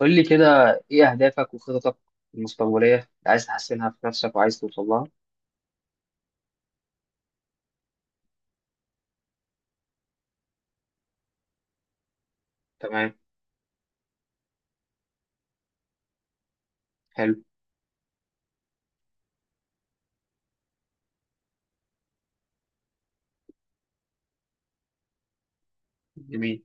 قول لي كده، ايه اهدافك وخططك المستقبليه اللي عايز تحسنها في نفسك وعايز توصل لها؟ تمام. حلو. جميل.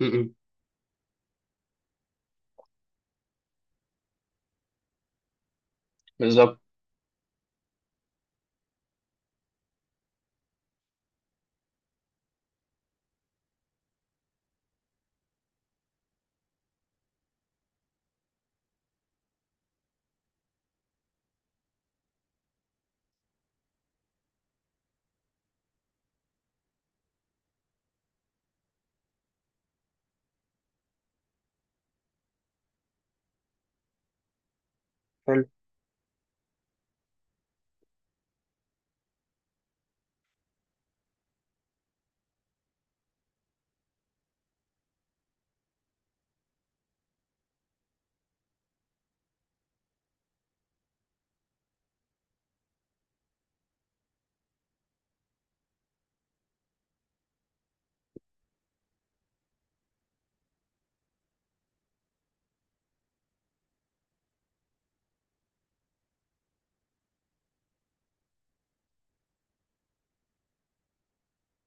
م-م. بالظبط. حلو.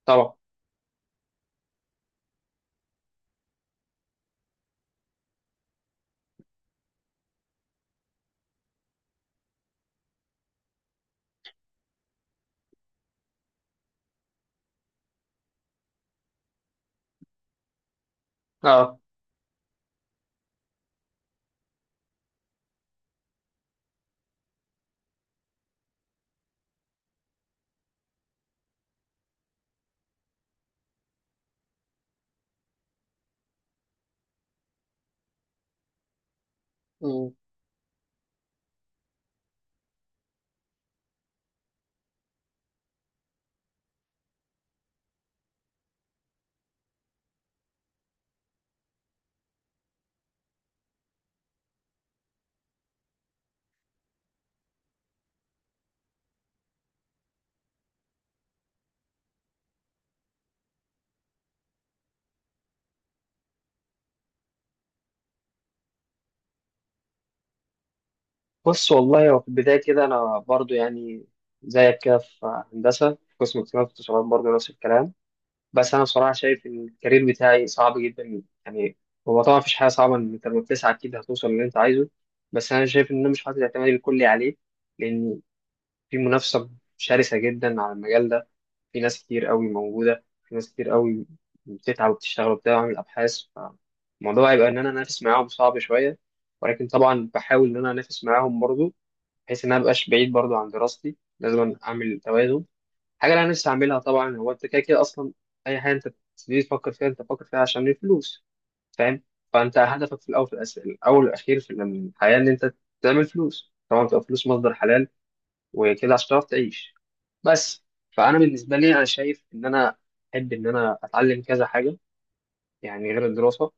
طبعا. اه. م. بص، والله هو في البدايه كده انا برضو يعني زيك كده في هندسه، في قسم اتصالات، واتصالات برضو نفس الكلام. بس انا بصراحه شايف ان الكارير بتاعي صعب جدا يعني. هو طبعا مفيش حاجه صعبه، ان انت لما بتسعى اكيد هتوصل للي انت عايزه. بس انا شايف ان انا مش حاطط اعتمادي الكلي عليه، لان في منافسه شرسه جدا على المجال ده. في ناس كتير قوي موجودة، في ناس كتير قوي بتتعب وبتشتغل وبتاع وعامل أبحاث، فالموضوع هيبقى إن أنا أنافس معاهم صعب شوية. ولكن طبعا بحاول إن أنا أنافس معاهم برضو، بحيث إن أنا مبقاش بعيد برضو عن دراستي. لازم أعمل توازن. حاجة اللي أنا نفسي أعملها طبعا، هو أنت كده كده أصلا أي حاجة أنت بتبتدي تفكر فيها أنت بتفكر فيها عشان الفلوس، فاهم؟ فأنت هدفك في الأول والأخير في الحياة إن أنت تعمل فلوس، طبعا تبقى فلوس مصدر حلال وكده عشان تعرف تعيش بس. فانا بالنسبه لي انا شايف ان انا احب ان انا اتعلم كذا حاجه، يعني غير الدراسه.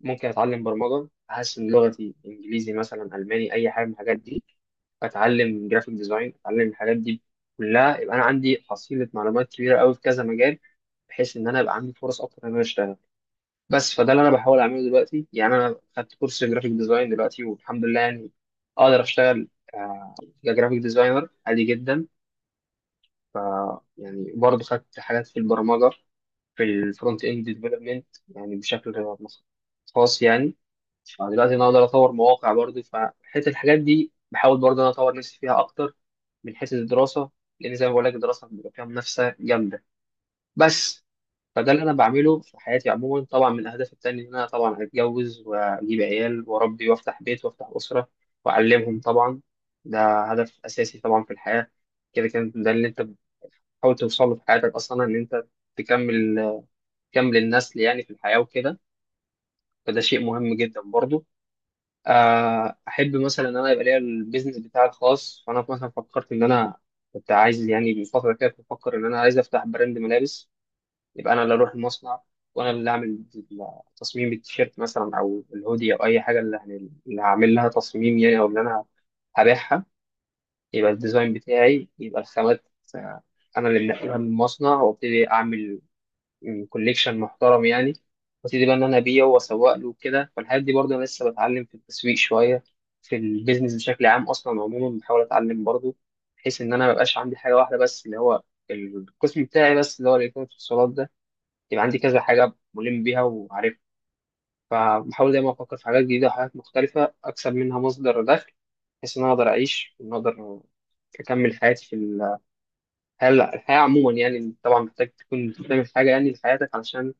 ممكن اتعلم برمجه، احسن لغتي انجليزي، مثلا الماني، اي حاجه من الحاجات دي. اتعلم جرافيك ديزاين، اتعلم الحاجات دي كلها. يبقى انا عندي حصيله معلومات كبيره قوي في كذا مجال، بحيث ان انا يبقى عندي فرص اكتر ان انا اشتغل بس. فده اللي انا بحاول اعمله دلوقتي. يعني انا خدت كورس جرافيك ديزاين دلوقتي والحمد لله، يعني اقدر اشتغل آه، كجرافيك ديزاينر عادي جدا. ف يعني برضه خدت حاجات في البرمجة، في الفرونت اند ديفلوبمنت، يعني بشكل خاص يعني. فدلوقتي انا اقدر اطور مواقع برضه، فحته الحاجات دي بحاول برضه انا اطور نفسي فيها اكتر من حيث الدراسة. لان زي ما بقول لك الدراسة بيبقى فيها منافسة جامدة بس. فده اللي انا بعمله في حياتي عموما. طبعا من اهدافي التانية ان انا طبعا اتجوز واجيب عيال واربي وافتح بيت وافتح اسرة واعلمهم طبعا. ده هدف اساسي طبعا في الحياة. كده كان ده اللي انت تحاول توصل له في حياتك اصلا، ان انت تكمل تكمل النسل يعني في الحياه وكده. فده شيء مهم جدا برضو. احب مثلا ان انا يبقى ليا البيزنس بتاعي الخاص. فانا مثلا فكرت ان انا كنت عايز يعني من فتره كده، كنت بفكر ان انا عايز افتح براند ملابس. يبقى انا اللي اروح المصنع، وانا اللي اعمل تصميم التيشيرت مثلا او الهودي او اي حاجه اللي هعمل لها تصميم يعني، او اللي انا هبيعها. يبقى الديزاين بتاعي، يبقى الخامات آه، انا اللي منقلها من المصنع، وابتدي اعمل كوليكشن محترم يعني، وابتدي بقى ان انا ابيعه واسوق له وكده. فالحاجات دي برضه انا لسه بتعلم في التسويق شويه، في البيزنس بشكل عام اصلا. عموما بحاول اتعلم برضه، بحيث ان انا ما يبقاش عندي حاجه واحده بس اللي هو القسم بتاعي، بس اللي هو الالكترونيات والاتصالات ده. يبقى عندي كذا حاجه ملم بيها وعارفها. فبحاول دايما افكر في حاجات جديده وحاجات مختلفه اكسب منها مصدر دخل، بحيث ان انا اقدر اعيش وان اقدر اكمل حياتي في الحياة عموما يعني. طبعا محتاج تكون بتعمل حاجه يعني لحياتك، علشان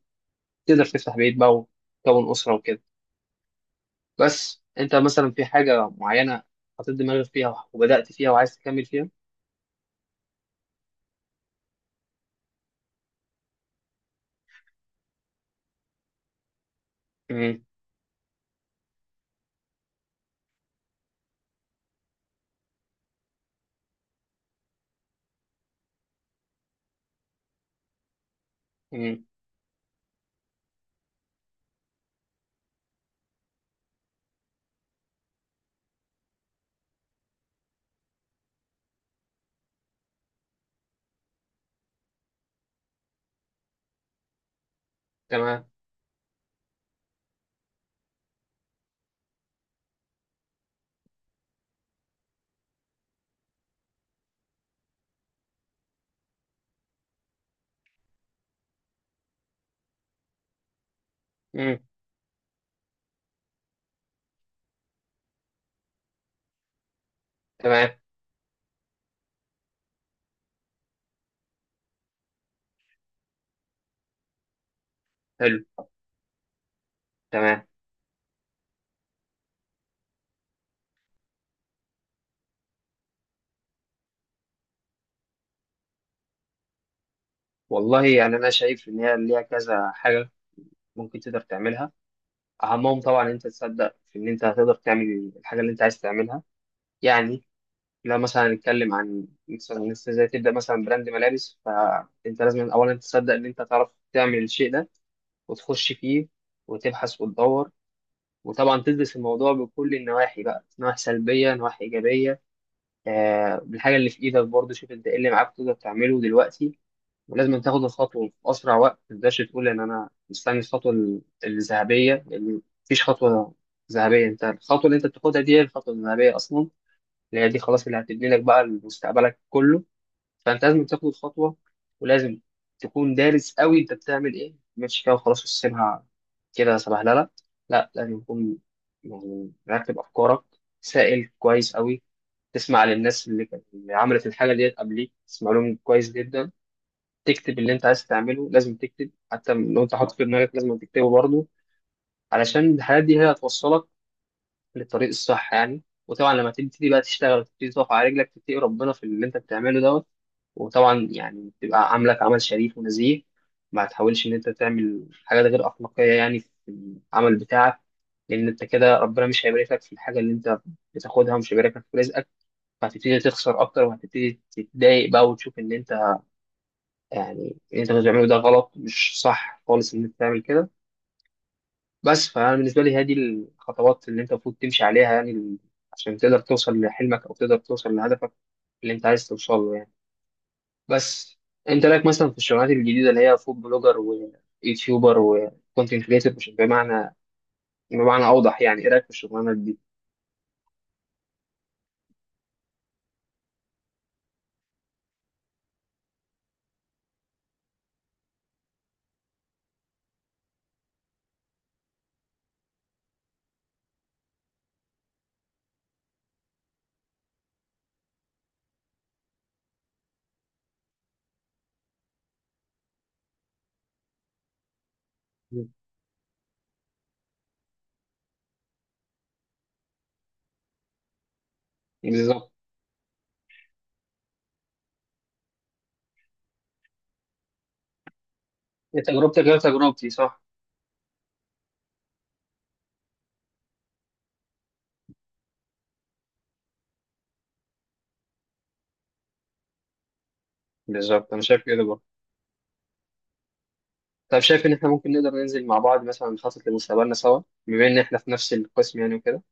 تقدر تفتح بيت بقى وتكون أسرة وكده. بس أنت مثلا في حاجة معينة حطيت دماغك فيها وبدأت فيها وعايز تكمل فيها؟ امم. امم. تمام. امم. تمام. حلو. تمام. والله يعني أنا شايف إن هي ليها كذا حاجة ممكن تقدر تعملها. أهمهم طبعا إن أنت تصدق في إن أنت هتقدر تعمل الحاجة اللي أنت عايز تعملها. يعني لو مثلا نتكلم عن مثلا إن أنت ازاي تبدأ مثلا براند ملابس، فأنت لازم أولا تصدق إن أنت تعرف تعمل الشيء ده، وتخش فيه وتبحث وتدور. وطبعا تدرس الموضوع بكل النواحي بقى، نواحي سلبية، نواحي إيجابية. بالحاجة اللي في إيدك برضه، شوف أنت إيه اللي معاك تقدر تعمله دلوقتي. ولازم تاخد الخطوة في أسرع وقت، ما تقدرش تقول إن أنا مستني الخطوة الذهبية، لأن مفيش خطوة ذهبية. أنت الخطوة اللي أنت بتاخدها دي هي الخطوة الذهبية أصلا، اللي هي دي خلاص اللي هتبني لك بقى مستقبلك كله. فانت لازم تاخد الخطوه، ولازم تكون دارس قوي انت بتعمل ايه، مش كده وخلاص وتسيبها كده صباح. لا، لا، لا، لازم تكون يعني مرتب افكارك، سائل كويس قوي. تسمع للناس اللي عملت الحاجه ديت قبليك، تسمع لهم كويس جدا. تكتب اللي انت عايز تعمله، لازم تكتب حتى لو انت حاطط في دماغك لازم تكتبه برضه، علشان الحاجات دي هي هتوصلك للطريق الصح يعني. وطبعا لما تبتدي بقى تشتغل وتبتدي تقف على رجلك، تتقي ربنا في اللي انت بتعمله دوت. وطبعا يعني تبقى عاملك عمل شريف ونزيه، ما تحاولش ان انت تعمل حاجات غير اخلاقيه يعني في العمل بتاعك. لان انت كده ربنا مش هيباركلك في الحاجه اللي انت بتاخدها، ومش هيباركلك في رزقك. فهتبتدي تخسر اكتر، وهتبتدي تتضايق بقى وتشوف ان انت يعني اللي انت بتعمله ده غلط، مش صح خالص ان انت تعمل كده بس. فانا بالنسبه لي هذه الخطوات اللي انت المفروض تمشي عليها، يعني عشان تقدر توصل لحلمك او تقدر توصل لهدفك اللي انت عايز توصله يعني بس. انت رايك مثلا في الشغلانات الجديده اللي هي فود بلوجر ويوتيوبر وكونتنت كريتور، بمعنى اوضح، يعني ايه رايك في الشغلانات دي؟ مم. بالظبط. إيه تجربتك غير تجربتي، صح؟ بالظبط. انا شايف كده برضه. طب شايف ان احنا ممكن نقدر ننزل مع بعض مثلا نخطط لمستقبلنا سوا، بما ان احنا في نفس القسم يعني وكده؟